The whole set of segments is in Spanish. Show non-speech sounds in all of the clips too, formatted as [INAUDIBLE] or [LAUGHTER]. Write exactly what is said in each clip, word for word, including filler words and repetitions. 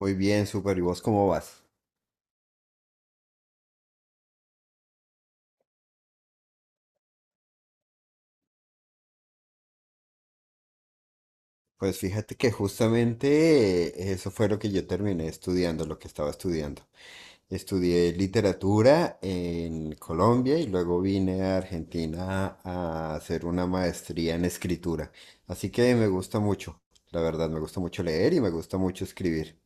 Muy bien, super. ¿Y vos cómo vas? Pues fíjate que justamente eh, eso fue lo que yo terminé estudiando, lo que estaba estudiando. Estudié literatura en Colombia y luego vine a Argentina a hacer una maestría en escritura. Así que me gusta mucho, la verdad, me gusta mucho leer y me gusta mucho escribir.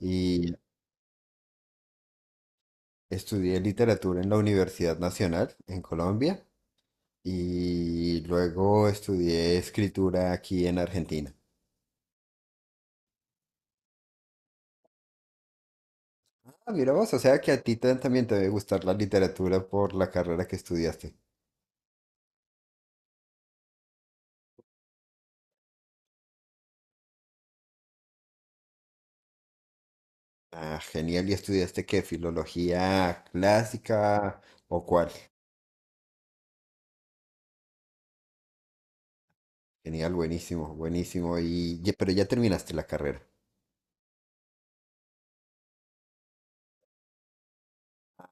Y estudié literatura en la Universidad Nacional en Colombia y luego estudié escritura aquí en Argentina. Ah, mira vos, o sea que a ti tan- también te debe gustar la literatura por la carrera que estudiaste. Ah, genial. ¿Y estudiaste qué? ¿Filología clásica o cuál? Genial, buenísimo, buenísimo. Y, ye- pero ya terminaste la carrera.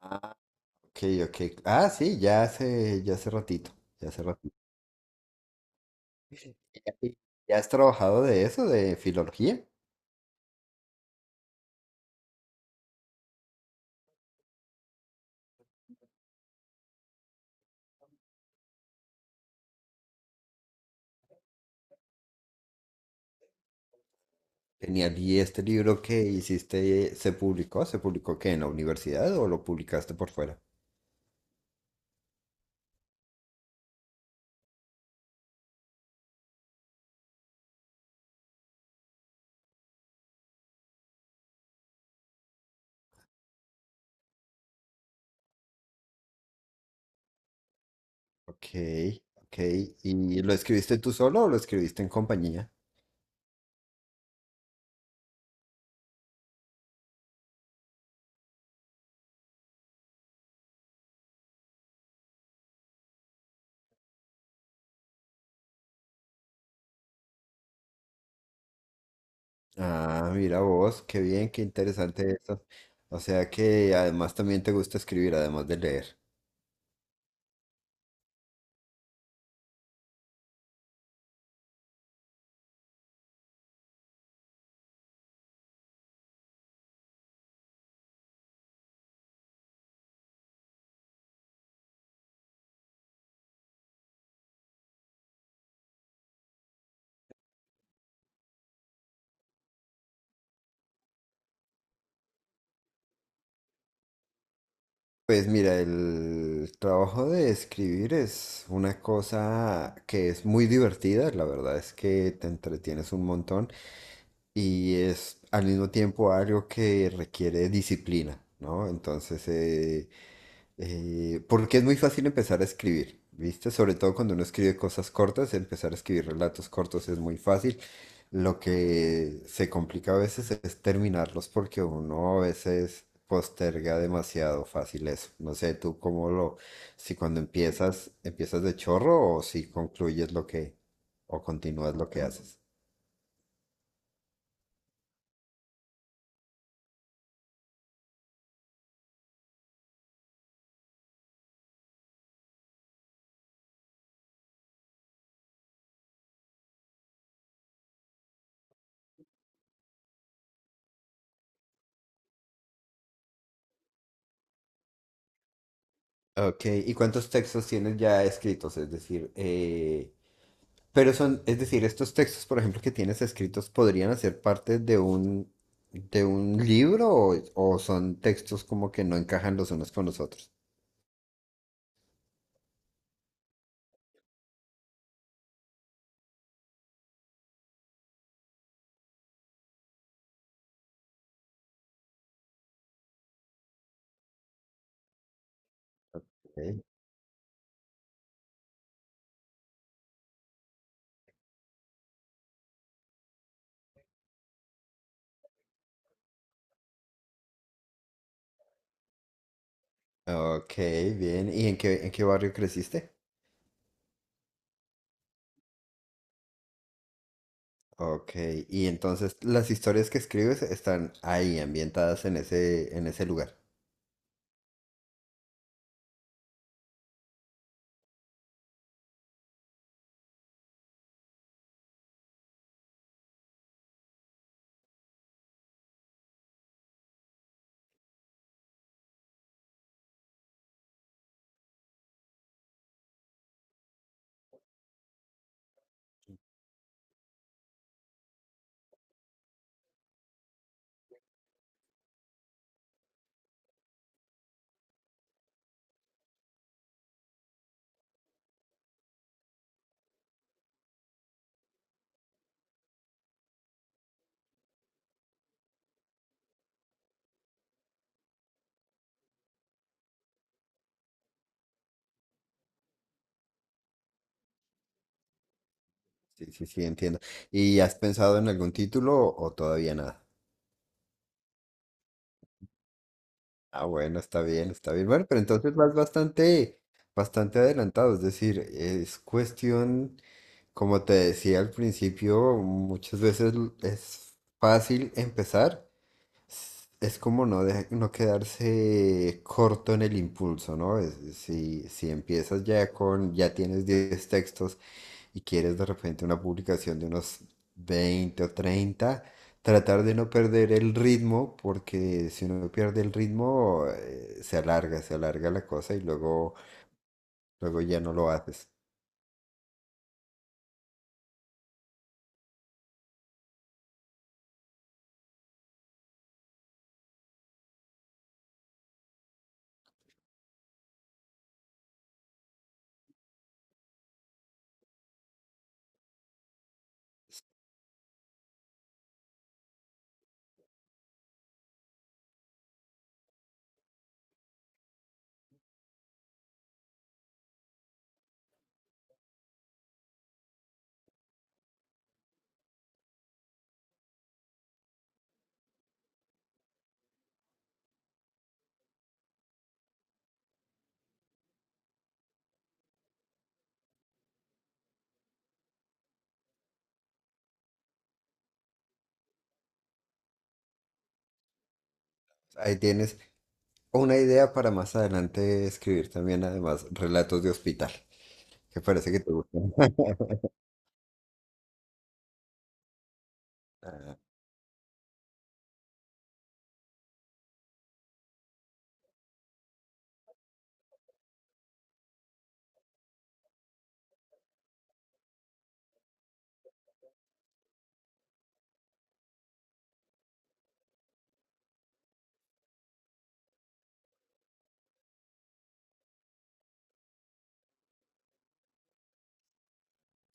Ah, ok, ok. Ah, sí, ya hace, ya hace ratito, ya hace ratito. ¿Y [LAUGHS] ¿Ya has trabajado de eso, de filología? Genial. ¿Y este libro que hiciste, se publicó? ¿Se publicó qué? ¿En la universidad o lo publicaste por fuera? Ok, ok. ¿Y lo escribiste tú solo o lo escribiste en compañía? Ah, mira vos, qué bien, qué interesante eso. O sea que además también te gusta escribir, además de leer. Pues mira, el trabajo de escribir es una cosa que es muy divertida, la verdad es que te entretienes un montón y es al mismo tiempo algo que requiere disciplina, ¿no? Entonces, eh, Eh, porque es muy fácil empezar a escribir, ¿viste? Sobre todo cuando uno escribe cosas cortas, empezar a escribir relatos cortos es muy fácil. Lo que se complica a veces es terminarlos porque uno a veces posterga demasiado fácil eso. No sé, tú cómo lo, si cuando empiezas, empiezas de chorro o si concluyes lo que, o continúas lo que haces. Ok, ¿y cuántos textos tienes ya escritos? Es decir, eh, Pero son, es decir, estos textos, por ejemplo, que tienes escritos, ¿podrían hacer parte de un, de un libro o, o son textos como que no encajan los unos con los otros? Okay. Ok, bien. ¿Y en qué, en qué barrio creciste? Ok, y entonces las historias que escribes están ahí, ambientadas en ese, en ese lugar. Sí, sí, sí, entiendo. ¿Y has pensado en algún título o o todavía nada? Ah, bueno, está bien, está bien. Bueno, pero entonces vas bastante, bastante adelantado, es decir, es cuestión. Como te decía al principio, muchas veces l- es fácil empezar. s- Es como no, de- no quedarse corto en el impulso, ¿no? Es- si, si empiezas ya con, ya tienes diez textos y quieres de repente una publicación de unos veinte o treinta, tratar de no perder el ritmo, porque si uno pierde el ritmo, eh, se alarga, se alarga la cosa y luego, luego ya no lo haces. Ahí tienes una idea para más adelante escribir también, además, relatos de hospital, que parece que te gustan. Ah,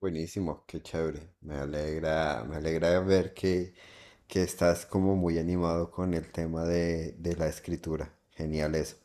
buenísimo, qué chévere. Me alegra, me alegra ver que, que estás como muy animado con el tema de, de la escritura. Genial eso.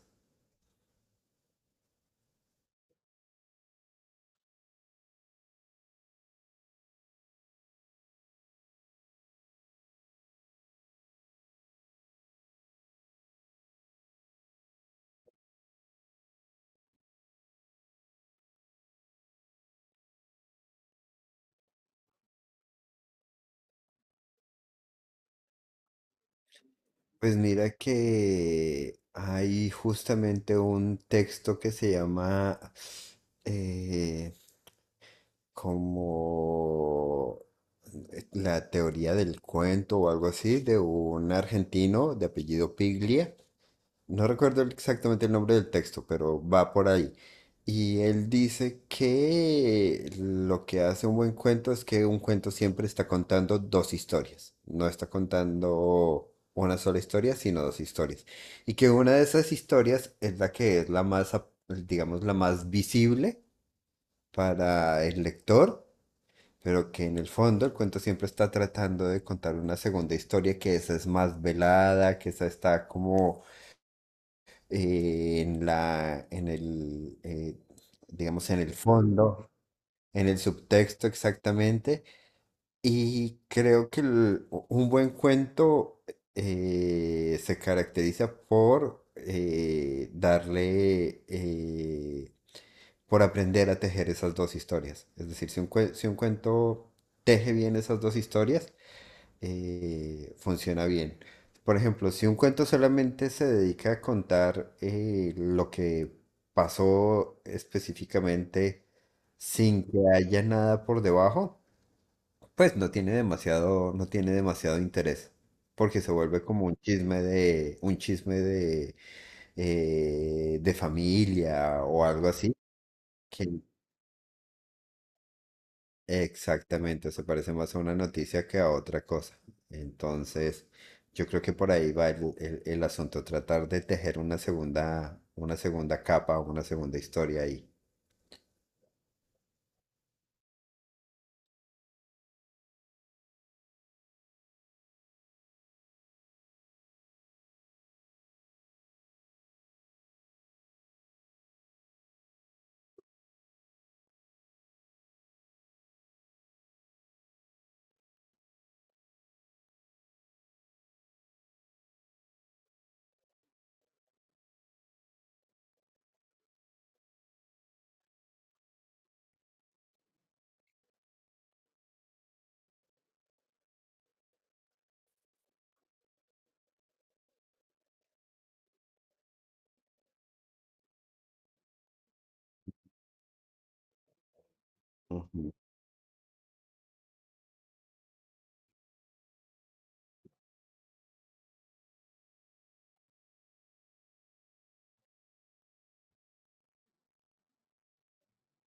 Pues mira que hay justamente un texto que se llama eh, como eh, la teoría del cuento o algo así de un argentino de apellido Piglia. No recuerdo exactamente el nombre del texto, pero va por ahí. Y él dice que lo que hace un buen cuento es que un cuento siempre está contando dos historias. No está contando una sola historia, sino dos historias. Y que una de esas historias es la que es la más, ap- digamos, la más visible para el lector, pero que en el fondo el cuento siempre está tratando de contar una segunda historia, que esa es más velada, que esa está como eh, en la, en el, eh, digamos, en el fondo, en el subtexto exactamente. Y creo que el- un buen cuento eh, se caracteriza por eh, darle, eh, por aprender a tejer esas dos historias. Es decir, si un cue- si un cuento teje bien esas dos historias, eh, funciona bien. Por ejemplo, si un cuento solamente se dedica a contar eh, lo que pasó específicamente sin que haya nada por debajo, pues no tiene demasiado, no tiene demasiado interés, porque se vuelve como un chisme de, un chisme de, eh, de familia o algo así, que, exactamente, se parece más a una noticia que a otra cosa. Entonces, yo creo que por ahí va el, el- el asunto, tratar de tejer una segunda, una segunda capa, una segunda historia ahí. Ujú,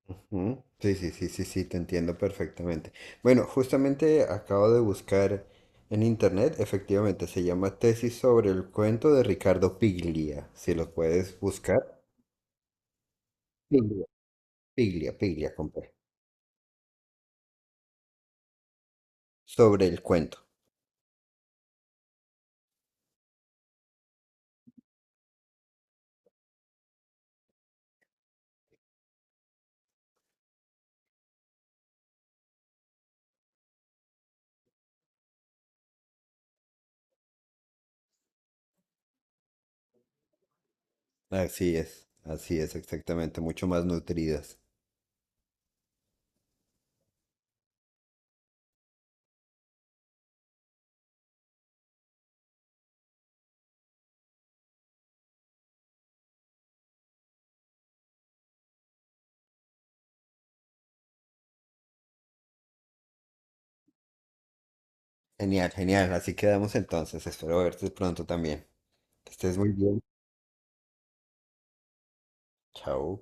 ujú. Sí, sí, sí, sí, sí, te entiendo perfectamente. Bueno, justamente acabo de buscar en internet, efectivamente, se llama Tesis sobre el cuento de Ricardo Piglia, si lo puedes buscar. Sí. Piglia, piglia compré. Sobre el cuento. Así es, así es, exactamente. Mucho más nutridas. Genial, genial. Así quedamos entonces. Espero verte pronto también. Que estés muy bien. Chao.